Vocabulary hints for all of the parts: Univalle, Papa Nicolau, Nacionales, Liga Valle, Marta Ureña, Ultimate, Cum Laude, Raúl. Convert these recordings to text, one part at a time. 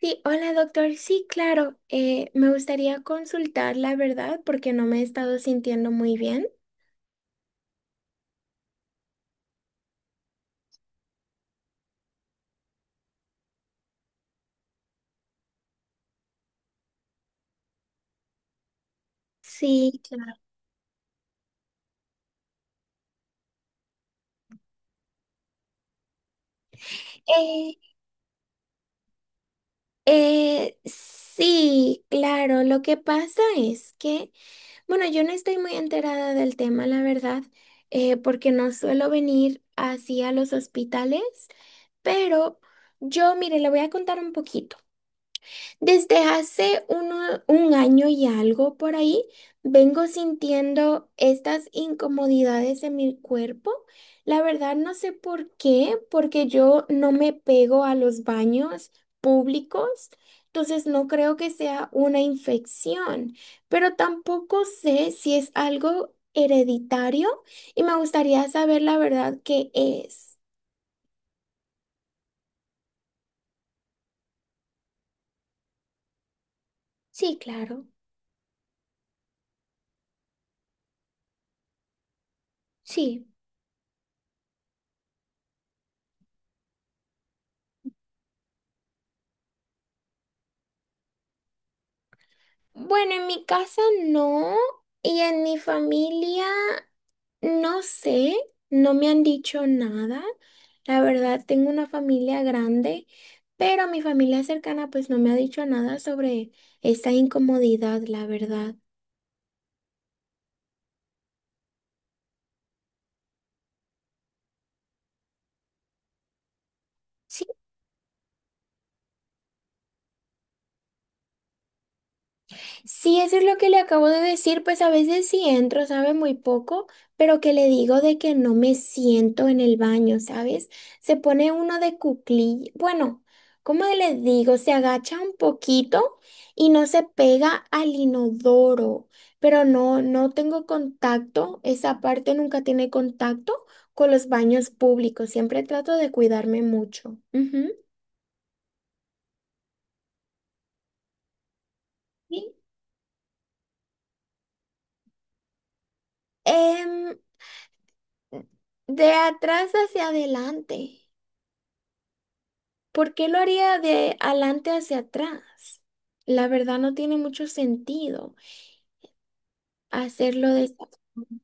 Sí, hola doctor. Sí, claro. Me gustaría consultar la verdad porque no me he estado sintiendo muy bien. Sí, claro. Eh, sí, claro. Lo que pasa es que, bueno, yo no estoy muy enterada del tema, la verdad, porque no suelo venir así a los hospitales, pero yo, mire, le voy a contar un poquito. Desde hace un año y algo por ahí, vengo sintiendo estas incomodidades en mi cuerpo. La verdad no sé por qué, porque yo no me pego a los baños públicos, entonces no creo que sea una infección, pero tampoco sé si es algo hereditario y me gustaría saber la verdad qué es. Sí, claro, sí. Bueno, en mi casa no, y en mi familia no sé, no me han dicho nada. La verdad, tengo una familia grande, pero mi familia cercana pues no me ha dicho nada sobre esta incomodidad, la verdad. Sí, eso es lo que le acabo de decir, pues a veces sí entro, sabe, muy poco, pero que le digo de que no me siento en el baño, ¿sabes? Se pone uno de cuclillas, bueno, ¿cómo le digo? Se agacha un poquito y no se pega al inodoro, pero no, no tengo contacto, esa parte nunca tiene contacto con los baños públicos, siempre trato de cuidarme mucho. Ujú. Sí. Em, de atrás hacia adelante. ¿Por qué lo haría de adelante hacia atrás? La verdad no tiene mucho sentido hacerlo de esa forma.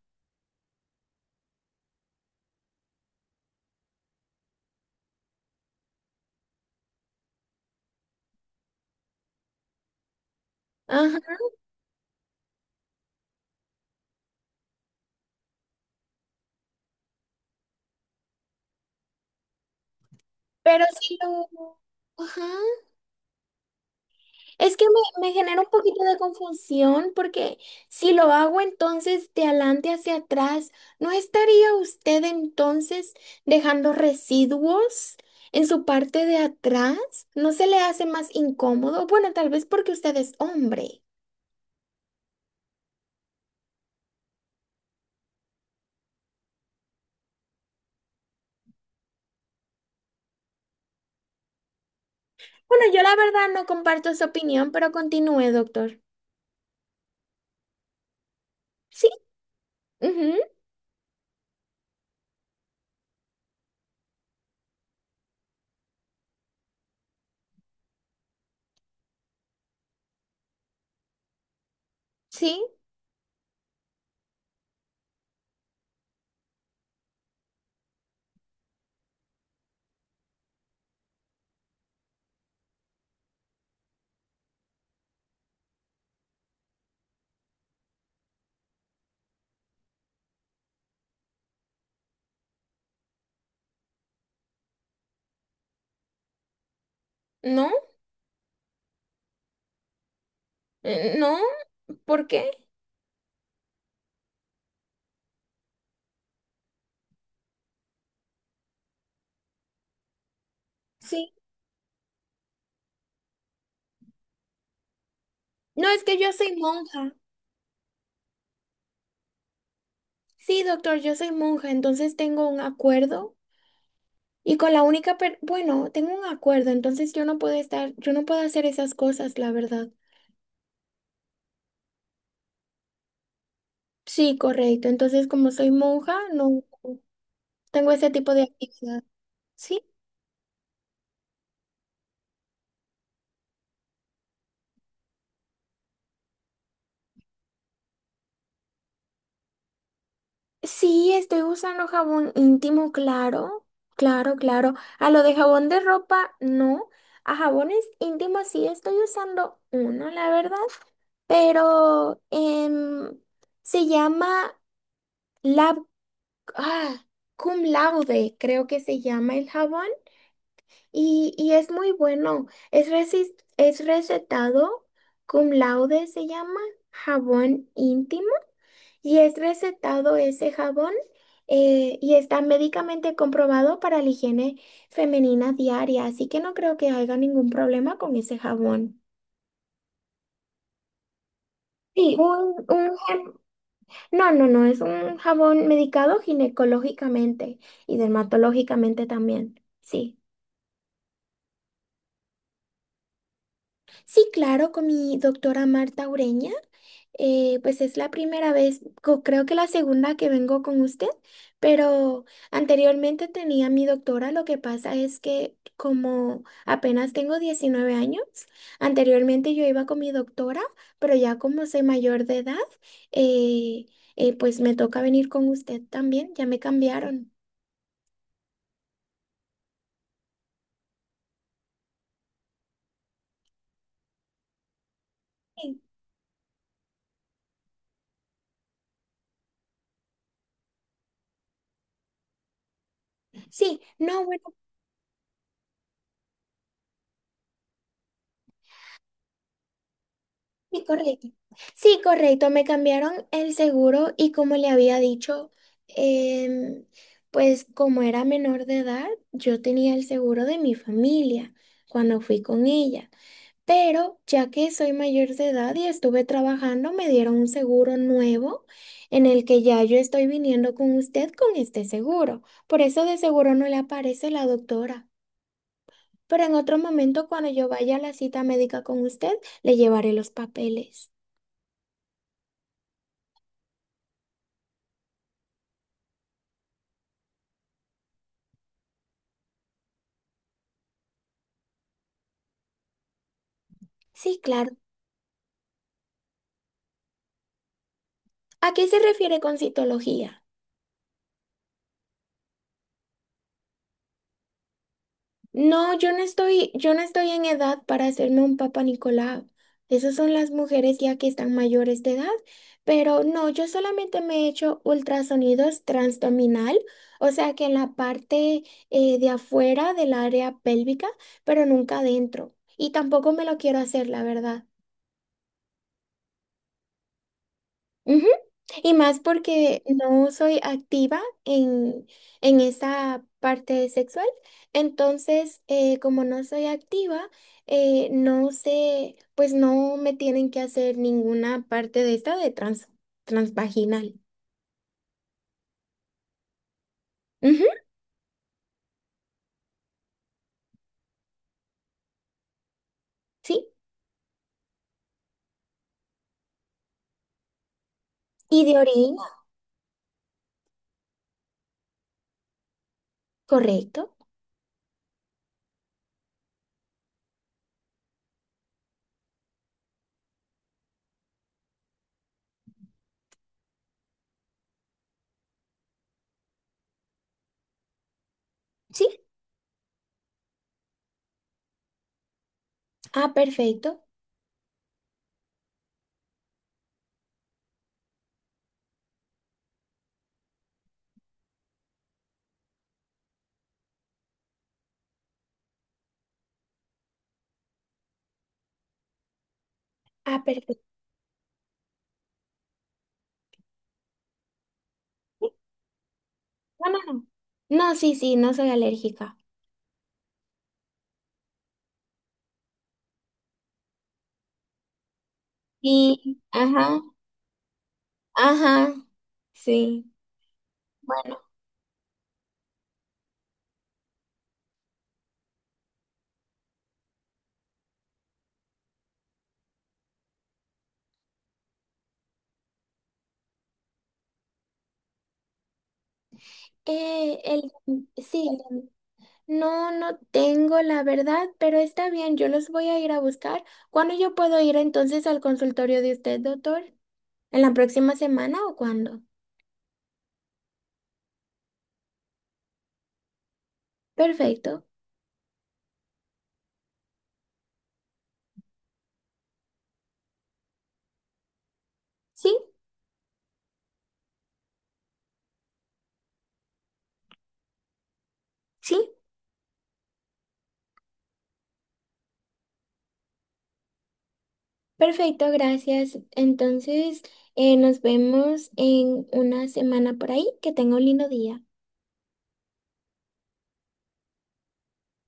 Ajá, pero si lo... Ajá. Es que me genera un poquito de confusión porque si lo hago entonces de adelante hacia atrás, ¿no estaría usted entonces dejando residuos en su parte de atrás? ¿No se le hace más incómodo? Bueno, tal vez porque usted es hombre. Bueno, yo la verdad no comparto su opinión, pero continúe, doctor. Sí, ujú, sí, no, no, ¿por qué? Sí. No, es que yo soy monja. Sí, doctor, yo soy monja, entonces tengo un acuerdo. Y con la única, bueno, tengo un acuerdo, entonces yo no puedo estar, yo no puedo hacer esas cosas, la verdad. Sí, correcto. Entonces, como soy monja, no tengo ese tipo de actividad. Sí, sí, estoy usando jabón íntimo, claro, claro, claro. A lo de jabón de ropa, no. A jabones íntimos sí estoy usando uno, la verdad. Pero se llama Lab, ah, Cum Laude, creo que se llama el jabón. Y es muy bueno. Es, es recetado cum laude, se llama jabón íntimo. Y es recetado ese jabón, y está médicamente comprobado para la higiene femenina diaria. Así que no creo que haya ningún problema con ese jabón. Sí, No, no, no, es un jabón medicado ginecológicamente y dermatológicamente también. Sí. Sí, claro, con mi doctora Marta Ureña. Pues es la primera vez, creo que la segunda que vengo con usted, pero anteriormente tenía mi doctora. Lo que pasa es que como apenas tengo 19 años, anteriormente yo iba con mi doctora, pero ya como soy mayor de edad, eh, pues me toca venir con usted también, ya me cambiaron. Sí, sí, no, bueno. Sí, correcto. Sí, correcto. Me cambiaron el seguro y como le había dicho, em, pues como era menor de edad, yo tenía el seguro de mi familia cuando fui con ella. Pero ya que soy mayor de edad y estuve trabajando, me dieron un seguro nuevo en el que ya yo estoy viniendo con usted con este seguro. Por eso de seguro no le aparece la doctora. Pero en otro momento, cuando yo vaya a la cita médica con usted, le llevaré los papeles. Sí, claro. ¿A qué se refiere con citología? No, yo no estoy en edad para hacerme un Papa Nicolau. Esas son las mujeres ya que están mayores de edad, pero no, yo solamente me he hecho ultrasonidos transdominal, o sea que en la parte, de afuera del área pélvica, pero nunca adentro. Y tampoco me lo quiero hacer, la verdad. Ujú. Y más porque no soy activa en esa parte sexual. Entonces, como no soy activa, no sé, pues no me tienen que hacer ninguna parte de esta de transvaginal. Ujú, sí. Y de orina, correcto. Sí. Ah, perfecto. Ah, perfecto. No, no, no. No, sí, sí, no soy alérgica. Sí, ajá, ajá, sí. Bueno. Eh, el, sí, no, no tengo la verdad, pero está bien, yo los voy a ir a buscar. ¿Cuándo yo puedo ir entonces al consultorio de usted, doctor? ¿En la próxima semana o cuándo? Perfecto. Sí, sí, perfecto, gracias. Entonces, nos vemos en una semana por ahí. Que tenga un lindo día.